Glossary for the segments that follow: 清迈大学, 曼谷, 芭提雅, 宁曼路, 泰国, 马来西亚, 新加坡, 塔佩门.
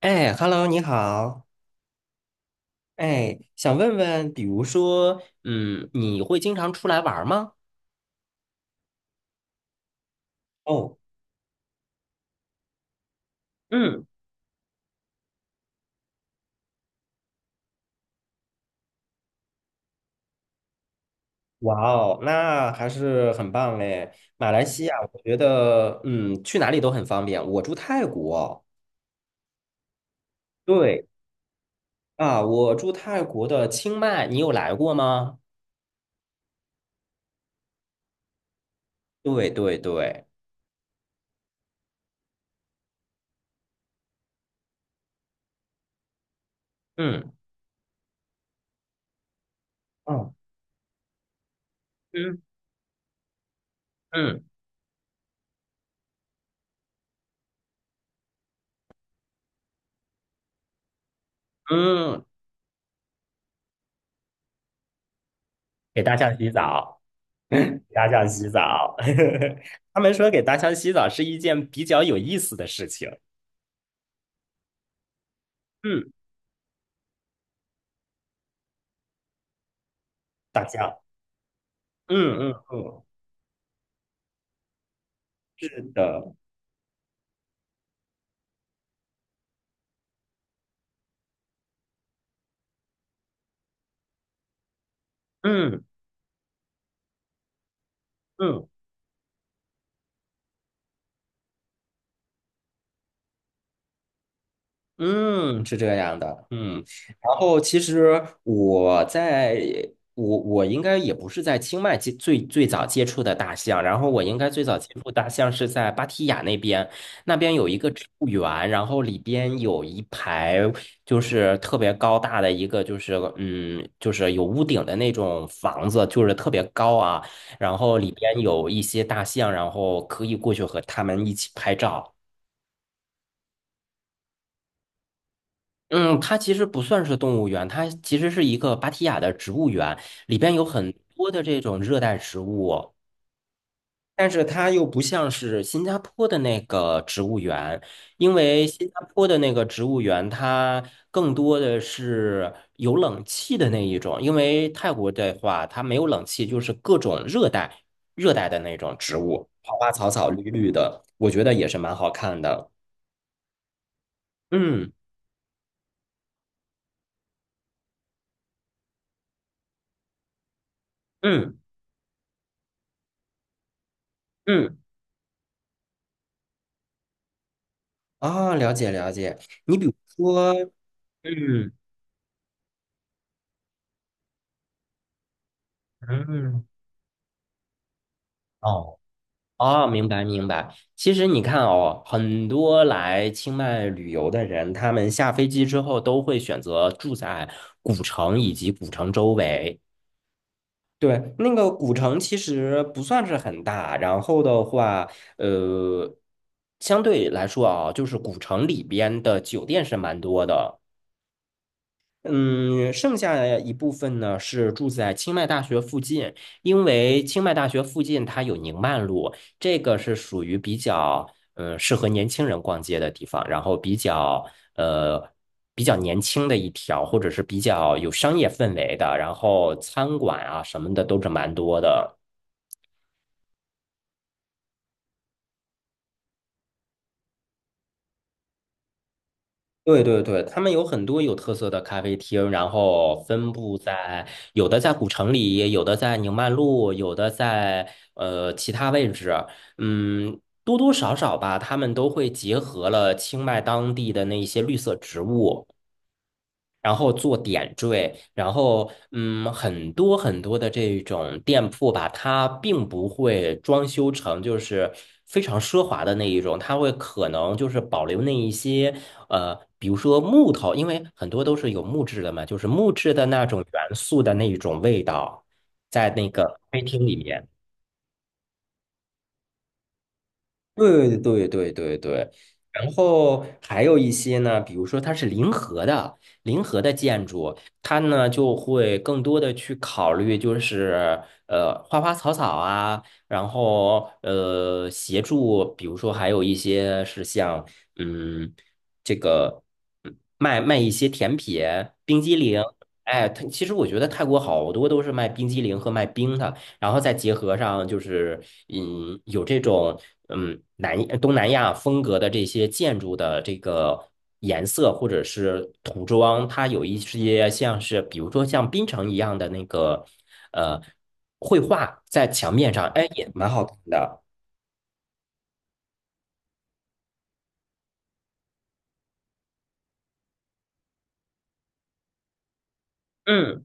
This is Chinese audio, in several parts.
哎，Hello，你好。哎，想问问，比如说，你会经常出来玩儿吗？哦，嗯，哇哦，那还是很棒嘞。马来西亚，我觉得，去哪里都很方便。我住泰国，对啊，我住泰国的清迈，你有来过吗？对对对，嗯嗯嗯嗯嗯，给大象洗澡。大象洗澡，他们说给大象洗澡是一件比较有意思的事情。嗯，大象，嗯嗯嗯，是的，嗯嗯。嗯，是这样的，嗯，然后其实我在我我应该也不是在清迈接最早接触的大象，然后我应该最早接触大象是在芭提雅那边，那边有一个植物园，然后里边有一排就是特别高大的一个就是有屋顶的那种房子，就是特别高啊，然后里边有一些大象，然后可以过去和它们一起拍照。嗯，它其实不算是动物园，它其实是一个芭提雅的植物园，里边有很多的这种热带植物，但是它又不像是新加坡的那个植物园，因为新加坡的那个植物园它更多的是有冷气的那一种，因为泰国的话它没有冷气，就是各种热带的那种植物，花花草草绿绿的，我觉得也是蛮好看的。嗯嗯嗯。啊，了解了解。你比如说，嗯嗯，哦哦，明白明白。其实你看哦，很多来清迈旅游的人，他们下飞机之后都会选择住在古城以及古城周围。对，那个古城其实不算是很大，然后的话，呃，相对来说啊，就是古城里边的酒店是蛮多的。嗯，剩下一部分呢是住在清迈大学附近，因为清迈大学附近它有宁曼路，这个是属于比较适合年轻人逛街的地方，然后呃比较年轻的一条，或者是比较有商业氛围的，然后餐馆啊什么的都是蛮多的。对对对，他们有很多有特色的咖啡厅，然后分布在有的在古城里，有的在宁曼路，有的在其他位置。嗯，多多少少吧，他们都会结合了清迈当地的那一些绿色植物。然后做点缀，然后很多很多的这种店铺吧，它并不会装修成就是非常奢华的那一种，它会可能就是保留那一些比如说木头，因为很多都是有木质的嘛，就是木质的那种元素的那一种味道，在那个咖啡厅里面。对对对对对，然后还有一些呢，比如说它是临河的，临河的建筑，它呢就会更多的去考虑，就是花花草草啊，然后协助，比如说还有一些是像嗯这个卖一些甜品、冰激凌，哎，它其实我觉得泰国好多都是卖冰激凌和卖冰的。然后再结合上就是，有这种嗯南呃东南亚风格的这些建筑的这个颜色或者是涂装，它有一些像是比如说像槟城一样的那个呃绘画在墙面上，哎，也蛮好看的。嗯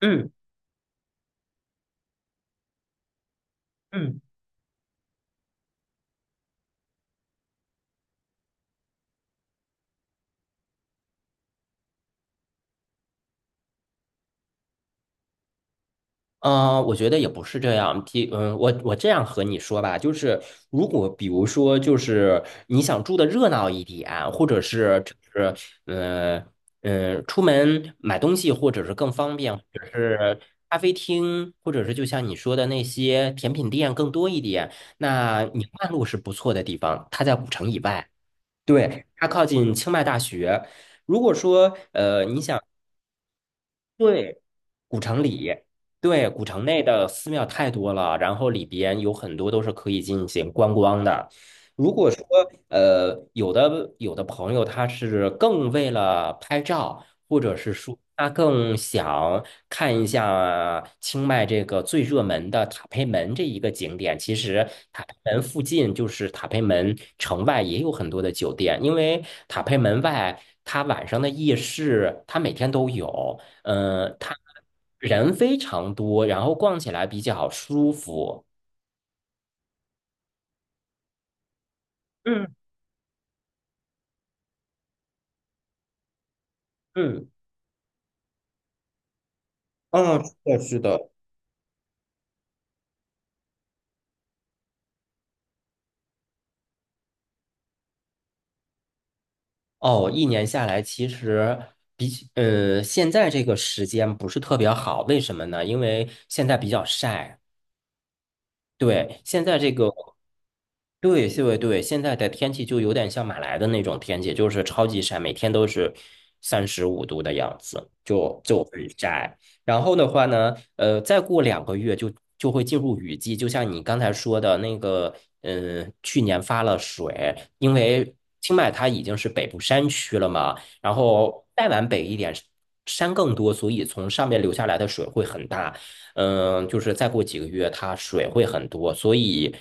嗯嗯。我觉得也不是这样。第，嗯，我我这样和你说吧，就是如果比如说，就是你想住的热闹一点，或者是就是呃，出门买东西，或者是更方便，或者是咖啡厅，或者是就像你说的那些甜品店更多一点，那宁曼路是不错的地方，它在古城以外，对，它靠近清迈大学。如果说你想。对，古城里，对，古城内的寺庙太多了，然后里边有很多都是可以进行观光的。如果说有的朋友他是更为了拍照，或者是说他更想看一下清迈这个最热门的塔佩门这一个景点，其实塔佩门附近就是塔佩门城外也有很多的酒店，因为塔佩门外它晚上的夜市它每天都有。它人非常多，然后逛起来比较舒服。嗯嗯，嗯，是的，是的。哦，一年下来，其实比起现在这个时间不是特别好，为什么呢？因为现在比较晒。对，现在这个，对对对，现在的天气就有点像马来的那种天气，就是超级晒，每天都是35度的样子。然后的话呢，再过2个月就会进入雨季，就像你刚才说的那个，嗯，去年发了水，因为清迈它已经是北部山区了嘛，然后再往北一点，山更多，所以从上面流下来的水会很大，嗯，就是再过几个月它水会很多，所以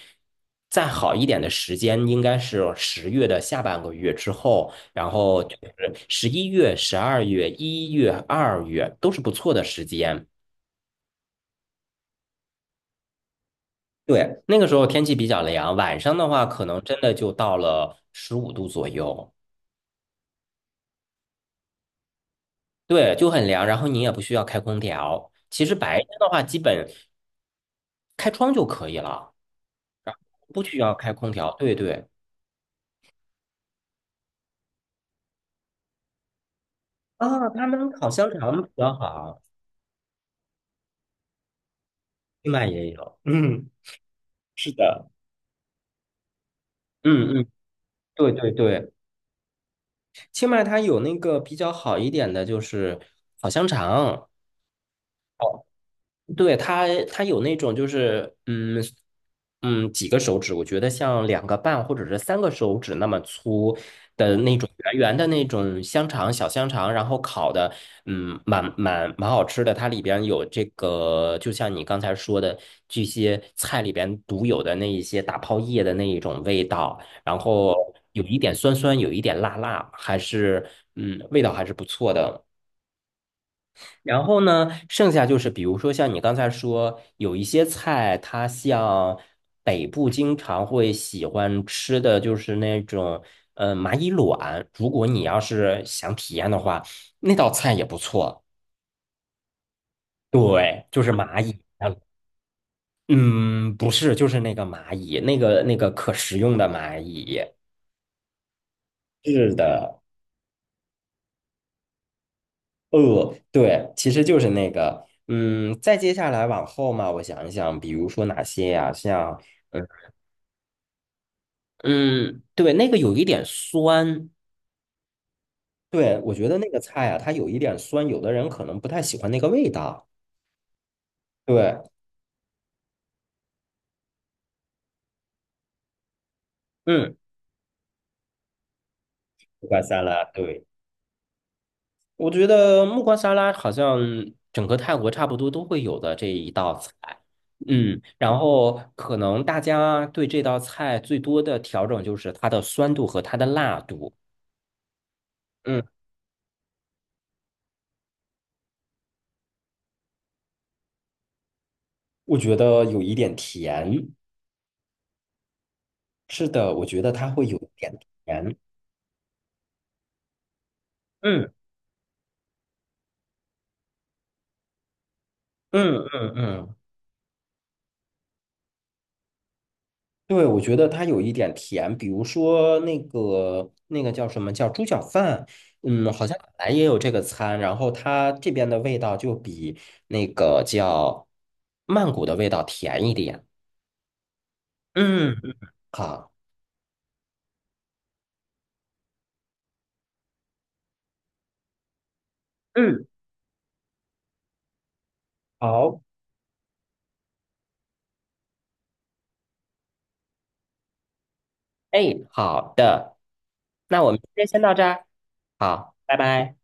再好一点的时间应该是10月的下半个月之后。然后就是11月、12月、一月、二月都是不错的时间。对，那个时候天气比较凉，晚上的话可能真的就到了十五度左右，对，就很凉。然后你也不需要开空调，其实白天的话基本开窗就可以了，不需要开空调。对对，啊，他们烤香肠比较好，清迈也有，嗯，是的，嗯嗯，对对对，清迈它有那个比较好一点的就是烤香肠。对，它有那种就是，几个手指，我觉得像2个半或者是3个手指那么粗的那种圆圆的那种香肠，小香肠，然后烤的，嗯，蛮好吃的。它里边有这个，就像你刚才说的这些菜里边独有的那一些大泡叶的那一种味道，然后有一点酸酸，有一点辣辣，还是味道还是不错的。然后呢，剩下就是比如说像你刚才说，有一些菜，它像北部经常会喜欢吃的就是那种蚂蚁卵，如果你要是想体验的话，那道菜也不错。对，就是蚂蚁。嗯，不是，就是那个蚂蚁，那个可食用的蚂蚁。是的，对，其实就是那个，嗯，再接下来往后嘛，我想一想，比如说哪些呀、像。呃嗯，对，那个有一点酸，对，我觉得那个菜啊，它有一点酸，有的人可能不太喜欢那个味道。对，嗯，木瓜沙拉，对，我觉得木瓜沙拉好像整个泰国差不多都会有的这一道菜。嗯，然后可能大家对这道菜最多的调整就是它的酸度和它的辣度。嗯，我觉得有一点甜，是的，我觉得它会有一点甜。嗯嗯嗯嗯，对，我觉得它有一点甜，比如说那个叫什么叫猪脚饭，嗯，好像本来也有这个餐，然后它这边的味道就比那个叫曼谷的味道甜一点。嗯，好，嗯，好，哎，好的，那我们今天先到这儿，好，拜拜。